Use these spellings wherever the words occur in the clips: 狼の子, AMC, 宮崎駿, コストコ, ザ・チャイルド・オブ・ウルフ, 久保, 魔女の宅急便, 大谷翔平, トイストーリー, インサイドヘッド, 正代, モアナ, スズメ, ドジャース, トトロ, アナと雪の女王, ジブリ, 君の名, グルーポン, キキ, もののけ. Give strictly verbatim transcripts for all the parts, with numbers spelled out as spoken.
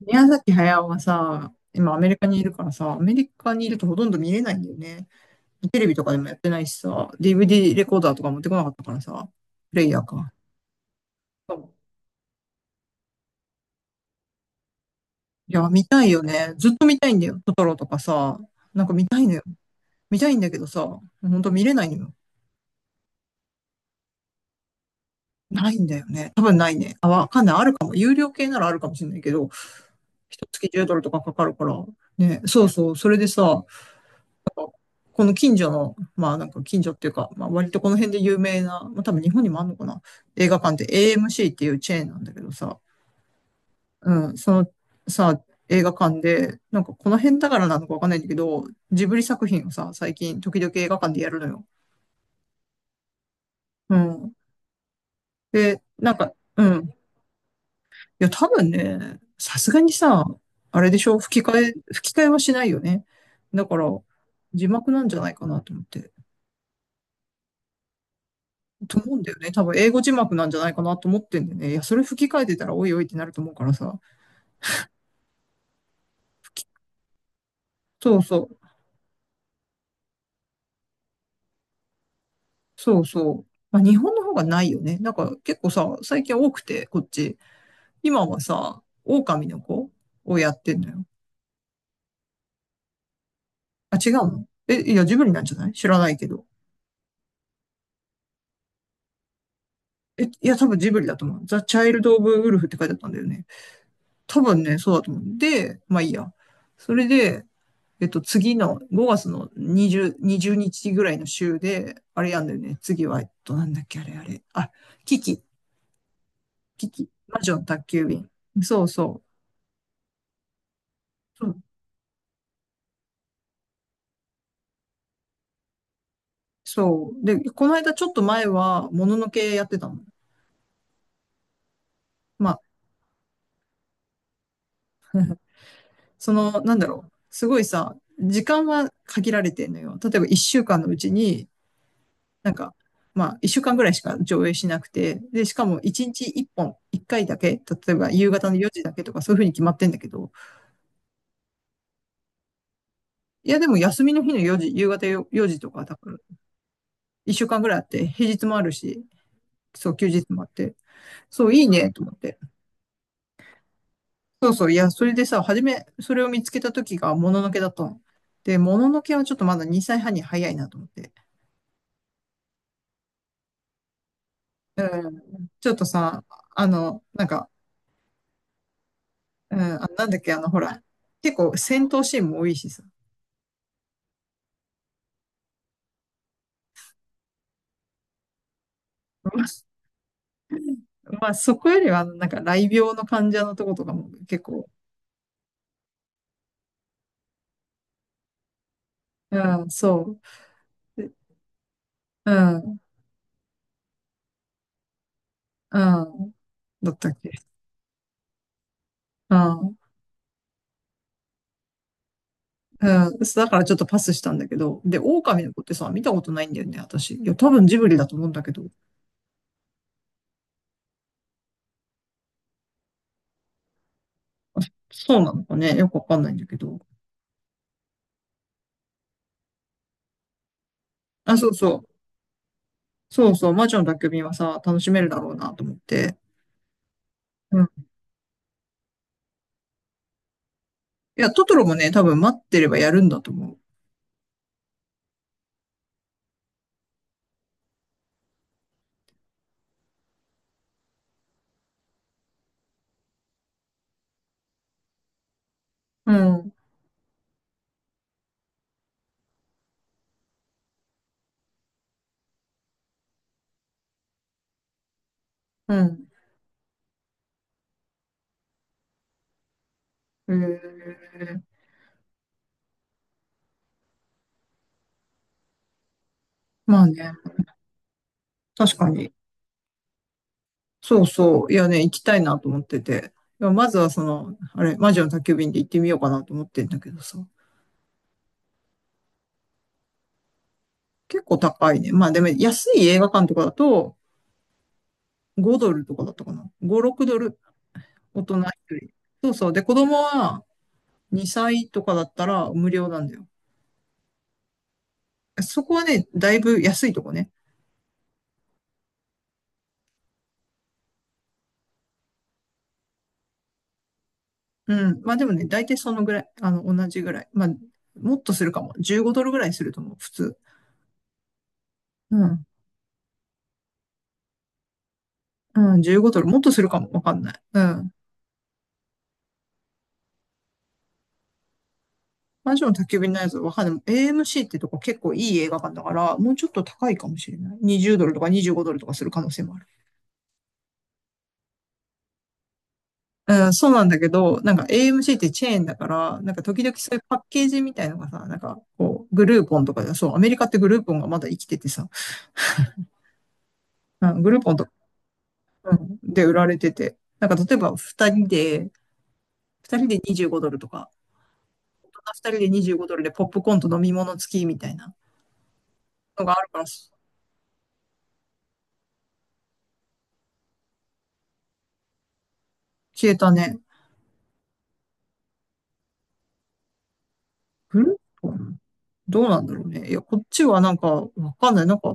宮崎駿はさ、今アメリカにいるからさ、アメリカにいるとほとんど見れないんだよね。テレビとかでもやってないしさ、ディーブイディー レコーダーとか持ってこなかったからさ、プレイヤーか。そういや、見たいよね。ずっと見たいんだよ。トトロとかさ、なんか見たいのよ。見たいんだけどさ、ほんと見れないのよ。ないんだよね。多分ないね。あ、わかんない。あるかも。有料系ならあるかもしれないけど、一月じゅうドルとかかかるから。ね、そうそう。それでさ、この近所の、まあなんか近所っていうか、まあ割とこの辺で有名な、まあ多分日本にもあるのかな、映画館って エーエムシー っていうチェーンなんだけどさ、うん、そのさ、映画館で、なんかこの辺だからなのかわかんないんだけど、ジブリ作品をさ、最近時々映画館でやるのよ。うん。で、なんか、うん。いや多分ね、さすがにさ、あれでしょ、吹き替え、吹き替えはしないよね。だから、字幕なんじゃないかなと思って。と思うんだよね。多分英語字幕なんじゃないかなと思ってんだよね。いや、それ吹き替えてたらおいおいってなると思うからさ。そうそう。そうそう。まあ、日本の方がないよね。なんか結構さ、最近多くて、こっち。今はさ、狼の子をやってんのよ。あ、違うの、え、いや、ジブリなんじゃない、知らないけど。え、いや、多分ジブリだと思う。ザ・チャイルド・オブ・ウルフって書いてあったんだよね。多分ね、そうだと思う。で、まあいいや。それで、えっと、次のごがつのにじゅう、はつかぐらいの週で、あれやんだよね。次は、えっと、なんだっけ、あれあれ。あ、キキ、キキ、魔女の宅急便。そうそう。そうんそう。で、この間ちょっと前は、もののけやってたの。まあ、その、なんだろう。すごいさ、時間は限られてんのよ。例えばいっしゅうかんのうちに、なんか、まあ、いっしゅうかんぐらいしか上映しなくて、で、しかもいちにちいっぽん、いっかいだけ、例えば夕方のよじだけとか、そういうふうに決まってんだけど、いや、でも休みの日のよじ、夕方よよじとか、多分、いっしゅうかんぐらいあって、平日もあるし、そう、休日もあって、そう、いいね、と思って。そうそう、いや、それでさ、初め、それを見つけた時が、もののけだったの。で、もののけはちょっとまだにさいはんに早いなと思って。うん、ちょっとさ、あの、なんか、うん、あ、なんだっけ、あの、ほら、結構戦闘シーンも多いしさ。まあ、まあそこよりは、なんか、雷病の患者のとことかも結構、うん、そう。うん、うん、だったっけ。うん。うん。そうだからちょっとパスしたんだけど。で、狼の子ってさ、見たことないんだよね、私。いや、多分ジブリだと思うんだけど。あ、そうなのかね。よくわかんないんだけど。あ、そうそう。そうそう。魔女の宅急便はさ、楽しめるだろうなと思って。うん。いや、トトロもね、多分待ってればやるんだと思う。うん。うん。えー、まあね。確かに。そうそう。いやね、行きたいなと思ってて。いやまずはその、あれ、魔女の宅急便で行ってみようかなと思ってんだけどさ。結構高いね。まあでも安い映画館とかだと、ごドルとかだったかな。ご、ろくドル。大人一、そうそう。で、子供はにさいとかだったら無料なんだよ。そこはね、だいぶ安いとこね。うん。まあでもね、大体そのぐらい。あの、同じぐらい。まあ、もっとするかも。じゅうごドルぐらいすると思う、普通。うん。うん、じゅうごドル。もっとするかも。わかんない。うん。魔女の宅急便のやつわかんない。エーエムシー ってとこ結構いい映画館だから、もうちょっと高いかもしれない。にじゅうドルとかにじゅうごドルとかする可能性もある。うん、そうなんだけど、なんか エーエムシー ってチェーンだから、なんか時々そういうパッケージみたいのがさ、なんかこう、グルーポンとかで、そう、アメリカってグルーポンがまだ生きててさ、うん、グルーポンとか、うん、で売られてて、なんか例えば二人で、二人でにじゅうごドルとか、大人二人でにじゅうごドルでポップコーンと飲み物付きみたいなのがあるから、消えたね。グルーポンどうなんだろうね。いや、こっちはなんか、わかんない。なんか、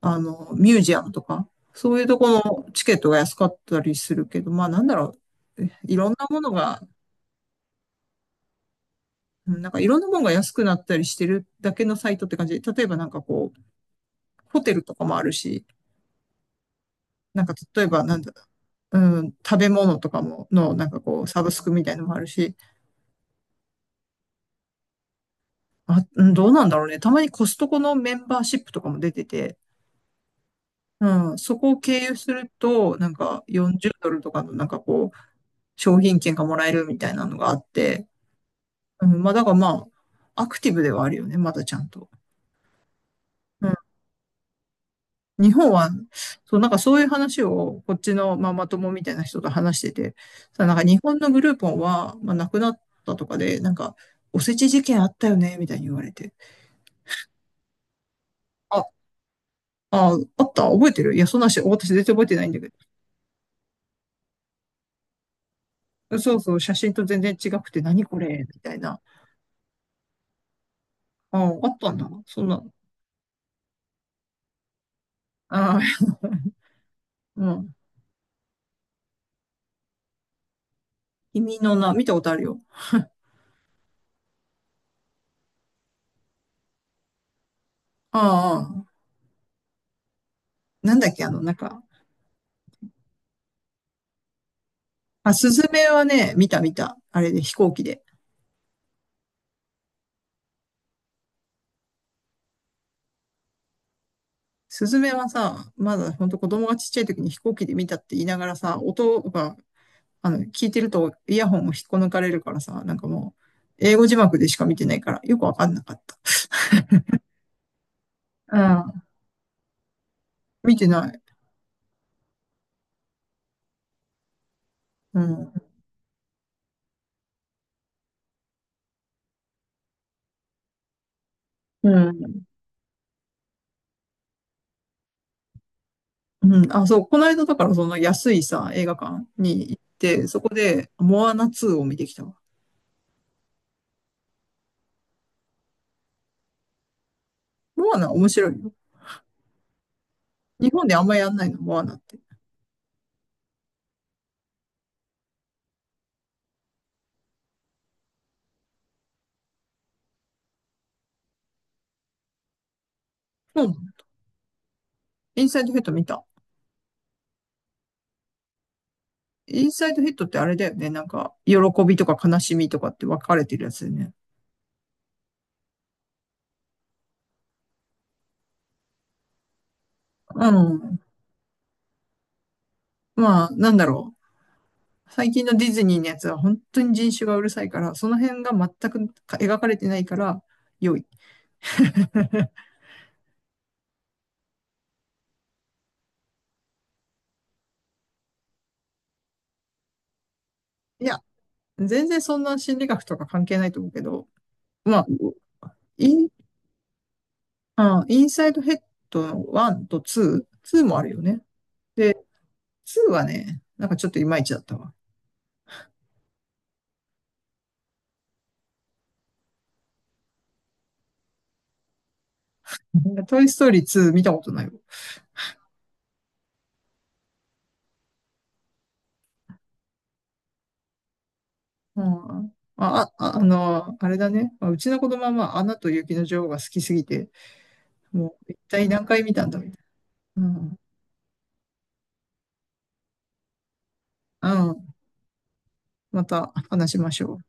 あの、ミュージアムとか、そういうとこのチケットが安かったりするけど、まあなんだろう、えいろんなものが、うんなんかいろんなものが安くなったりしてるだけのサイトって感じで、例えばなんかこう、ホテルとかもあるし、なんか例えばなんだ、うん、食べ物とかも、の、なんかこう、サブスクみたいのもあるし、あ、うん、どうなんだろうね。たまにコストコのメンバーシップとかも出てて、うん、そこを経由すると、なんかよんじゅうドルとかのなんかこう、商品券がもらえるみたいなのがあって、うん、まあ、だからまあ、アクティブではあるよね、まだちゃんと。うん。日本は、そう、なんかそういう話を、こっちのママ友みたいな人と話してて、さ、なんか日本のグループは、まあ、亡くなったとかで、なんか、おせち事件あったよね、みたいに言われて。あ、あ、あった、覚えてる、いや、そんなし、私全然覚えてないんだけど。そうそう、写真と全然違くて、何これみたいな。ああ、あったんだ。そんな。ああ、うん。君の名、見たことあるよ。ああ、ああ、なんだっけ、あの、なんか、まあ、スズメはね、見た見た。あれで飛行機で。スズメはさ、まだほんと子供がちっちゃい時に飛行機で見たって言いながらさ、音が、あの、聞いてるとイヤホンを引っこ抜かれるからさ、なんかもう、英語字幕でしか見てないから、よくわかんなかった。うん。見てない。うん。うん。うん。あ、そう、この間だからその安いさ、映画館に行って、そこで、モアナツーを見てきたわ。モアナ面白いよ。日本であんまやんないの、モアナって。うん。インサイドヘッド見た、インサイドヒットってあれだよね。なんか、喜びとか悲しみとかって分かれてるやつだよね。うん。まあ、なんだろう。最近のディズニーのやつは本当に人種がうるさいから、その辺が全く描かれてないから、良い。いや、全然そんな心理学とか関係ないと思うけど、まあ、イン、あ、インサイドヘッドのワンとツー、ツーもあるよね。で、ツーはね、なんかちょっといまいちだったわ。トイストーリーツー見たことないわ。うん。まあ、あ、あの、あれだね。まあうちの子供は、まあ、アナと雪の女王が好きすぎて、もう一体何回見たんだみたいな。うん。うん。また話しましょう。